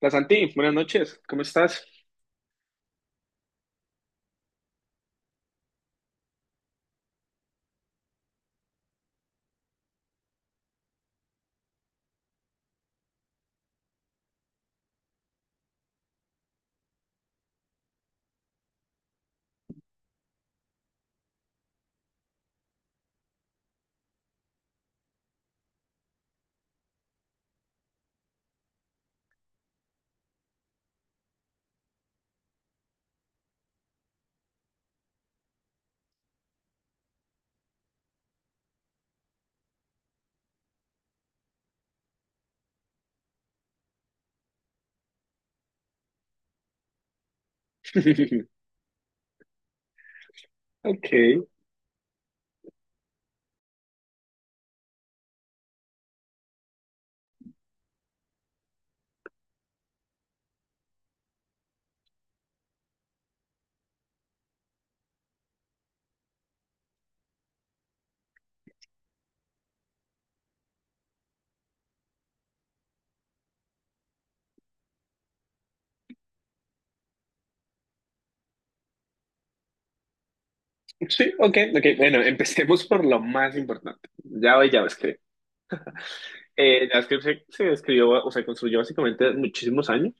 Hola Santi, buenas noches, ¿cómo estás? Ok, sí, ok, ok. Bueno, empecemos por lo más importante, Java y JavaScript. JavaScript se escribió, o se construyó básicamente muchísimos años.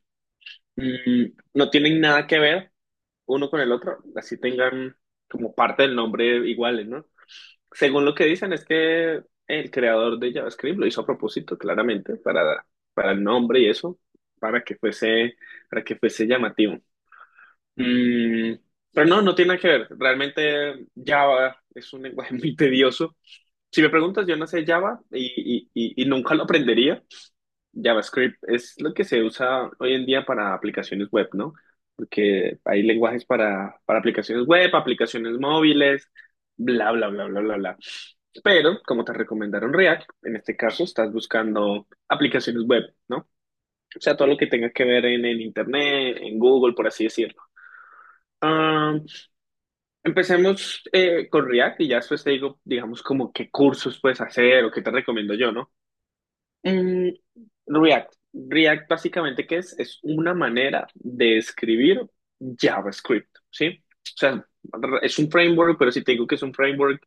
No tienen nada que ver uno con el otro, así tengan como parte del nombre iguales, ¿no? Según lo que dicen es que el creador de JavaScript lo hizo a propósito, claramente, para el nombre y eso, para que fuese, para que fuese llamativo. Mm, pero no, no tiene nada que ver. Realmente Java es un lenguaje muy tedioso. Si me preguntas, yo no sé Java y, y nunca lo aprendería. JavaScript es lo que se usa hoy en día para aplicaciones web, ¿no? Porque hay lenguajes para aplicaciones web, aplicaciones móviles, bla, bla, bla, bla, bla, bla. Pero, como te recomendaron React, en este caso estás buscando aplicaciones web, ¿no? O sea, todo lo que tenga que ver en Internet, en Google, por así decirlo. Ah, empecemos con React y ya después te digo, digamos, como qué cursos puedes hacer o qué te recomiendo yo, ¿no? Mm, React. React básicamente, ¿qué es? Es una manera de escribir JavaScript, ¿sí? O sea, es un framework, pero si te digo que es un framework,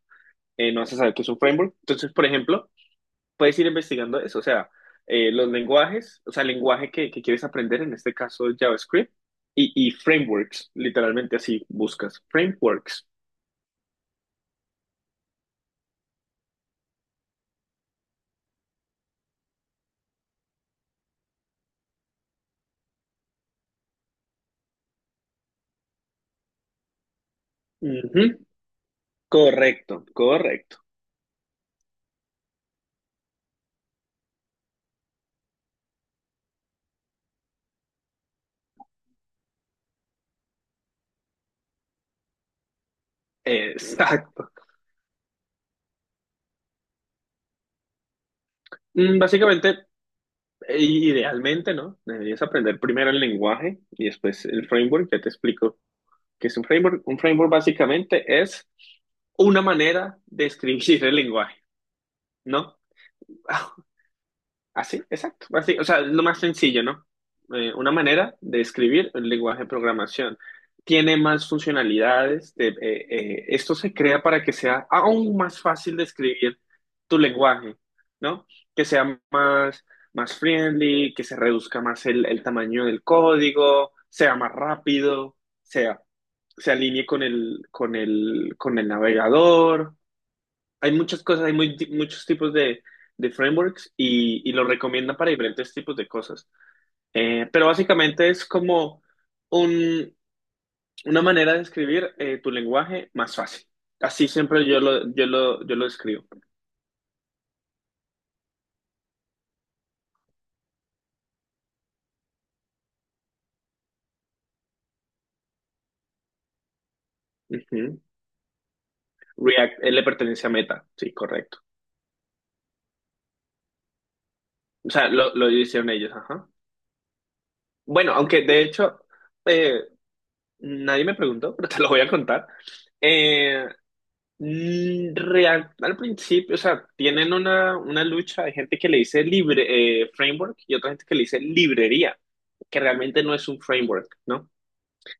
no vas a saber que es un framework. Entonces, por ejemplo, puedes ir investigando eso, o sea, los lenguajes, o sea, el lenguaje que quieres aprender, en este caso JavaScript, y frameworks, literalmente así buscas, frameworks. Ujú. Correcto, correcto. Exacto. Básicamente, idealmente, ¿no? Deberías aprender primero el lenguaje y después el framework. Ya te explico qué es un framework. Un framework básicamente es una manera de escribir el lenguaje, ¿no? Así, exacto. Así, o sea, es lo más sencillo, ¿no? Una manera de escribir el lenguaje de programación. Tiene más funcionalidades. Esto se crea para que sea aún más fácil de escribir tu lenguaje, ¿no? Que sea más, más friendly, que se reduzca más el tamaño del código, sea más rápido, sea, se alinee con con el navegador. Hay muchas cosas, hay muchos tipos de frameworks y lo recomiendan para diferentes tipos de cosas. Pero básicamente es como un, una manera de escribir tu lenguaje más fácil. Así siempre yo lo escribo. Ujú. React, él le pertenece a Meta, sí, correcto. O sea, lo hicieron ellos, ajá. Bueno, aunque de hecho, eh, nadie me preguntó, pero te lo voy a contar. Eh, Real, al principio, o sea, tienen una lucha, de gente que le dice libre, framework y otra gente que le dice librería, que realmente no es un framework, ¿no?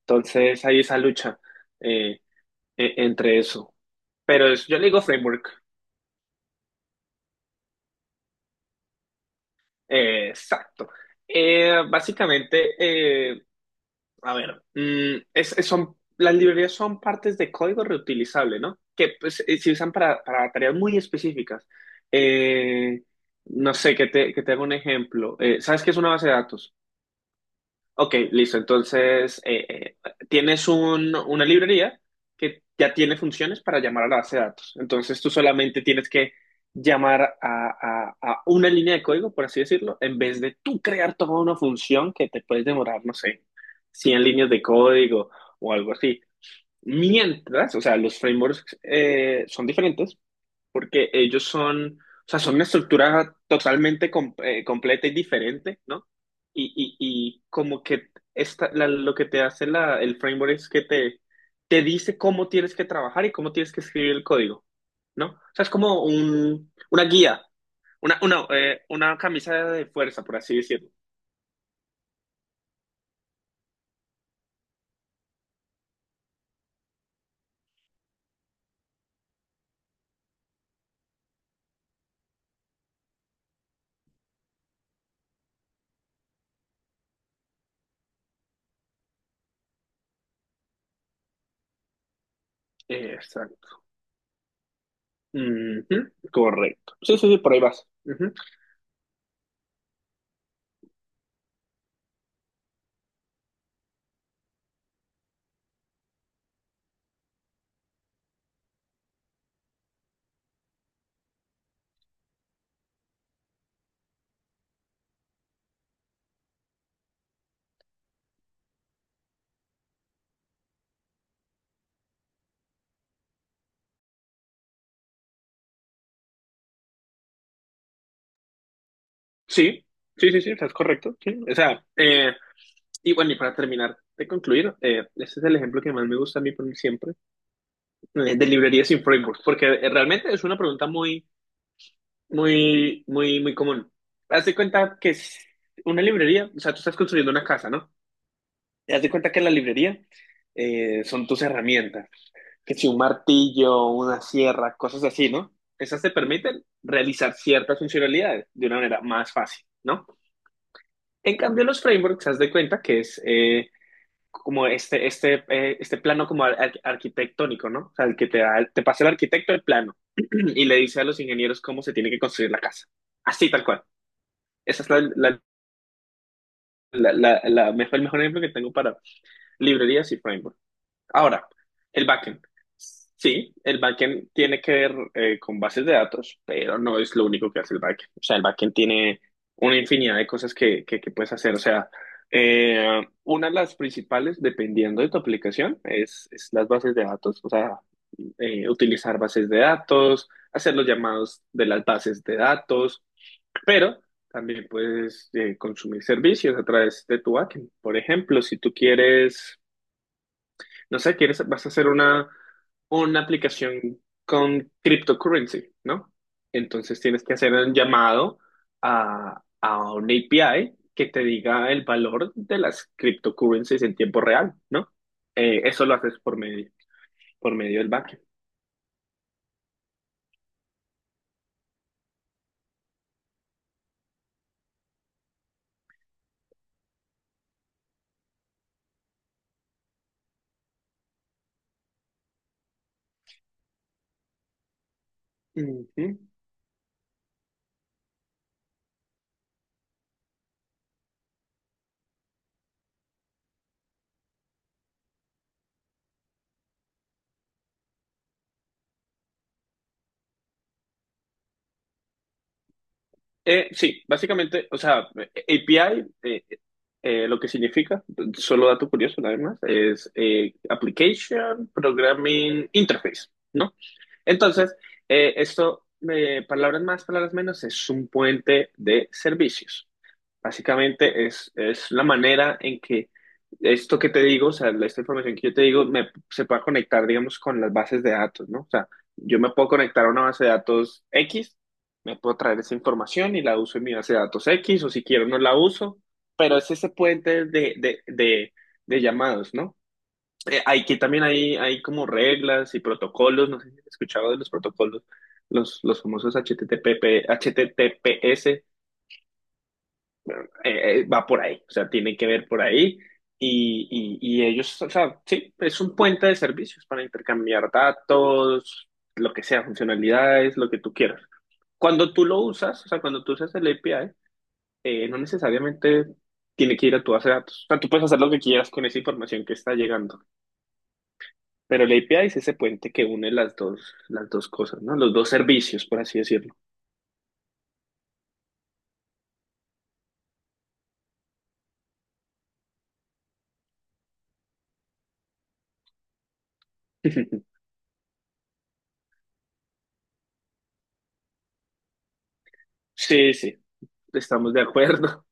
Entonces hay esa lucha eh, entre eso. Yo le digo framework, exacto. Básicamente, eh, a ver, son, las librerías son partes de código reutilizable, ¿no? Que pues, se usan para tareas muy específicas. Eh, no sé, que te haga un ejemplo. ¿Sabes qué es una base de datos? Ok, listo. Entonces, tienes una librería que ya tiene funciones para llamar a la base de datos. Entonces, tú solamente tienes que llamar a, a una línea de código, por así decirlo, en vez de tú crear toda una función que te puedes demorar, no sé, 100 líneas de código o algo así. Mientras, o sea, los frameworks son diferentes, porque ellos son, o sea, son una estructura totalmente completa y diferente, ¿no? Y como que lo que te hace el framework es que te dice cómo tienes que trabajar y cómo tienes que escribir el código, ¿no? O sea, es como una guía, una camisa de fuerza, por así decirlo. Exacto. Ujú, correcto. Sí, sí, sí, por ahí vas. Ujú. Sí, sí, sí, sí, estás correcto. Sí. O sea, y bueno, y para terminar de concluir, este es el ejemplo que más me gusta a mí poner siempre, de librerías sin framework, porque realmente es una pregunta muy, muy, muy común. Haz de cuenta que es una librería, o sea, tú estás construyendo una casa, ¿no? Y haz de cuenta que la librería son tus herramientas, que si un martillo, una sierra, cosas así, ¿no? Esas te permiten realizar ciertas funcionalidades de una manera más fácil, ¿no? En cambio, los frameworks, haz de cuenta que es como este plano como arquitectónico, ¿no? O sea, el que te da, te pasa el arquitecto el plano y le dice a los ingenieros cómo se tiene que construir la casa. Así, tal cual. Esa es la mejor, el mejor ejemplo que tengo para librerías y framework. Ahora, el backend. Sí, el backend tiene que ver con bases de datos, pero no es lo único que hace el backend. O sea, el backend tiene una infinidad de cosas que puedes hacer. O sea, una de las principales, dependiendo de tu aplicación, es las bases de datos. O sea, utilizar bases de datos, hacer los llamados de las bases de datos, pero también puedes consumir servicios a través de tu backend. Por ejemplo, si tú quieres no sé, quieres, vas a hacer una aplicación con cryptocurrency, ¿no? Entonces tienes que hacer un llamado a una API que te diga el valor de las cryptocurrencies en tiempo real, ¿no? Eso lo haces por medio del backend. Ujú. Sí, básicamente, o sea, API, eh, lo que significa, solo dato curioso nada más, es Application Programming Interface, ¿no? Entonces, esto, palabras más, palabras menos, es un puente de servicios. Básicamente es la manera en que esto que te digo, o sea, esta información que yo te digo, me, se pueda conectar, digamos, con las bases de datos, ¿no? O sea, yo me puedo conectar a una base de datos X, me puedo traer esa información y la uso en mi base de datos X, o si quiero no la uso, pero es ese puente de llamados, ¿no? Hay que también hay como reglas y protocolos, no sé si has escuchado de los protocolos, los famosos HTTP, HTTPS, va por ahí, o sea, tiene que ver por ahí. Y ellos, o sea, sí, es un puente de servicios para intercambiar datos, lo que sea, funcionalidades, lo que tú quieras. Cuando tú lo usas, o sea, cuando tú usas el API, no necesariamente tiene que ir a tu base de datos. O sea, tú puedes hacer lo que quieras con esa información que está llegando. Pero el API es ese puente que une las dos cosas, ¿no? Los dos servicios, por así decirlo. Sí, sí, estamos de acuerdo.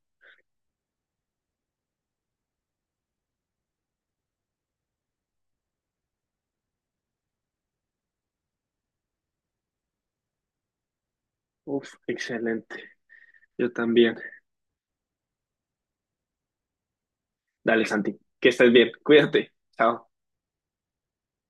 Uf, excelente. Yo también. Dale, Santi, que estés bien. Cuídate. Chao.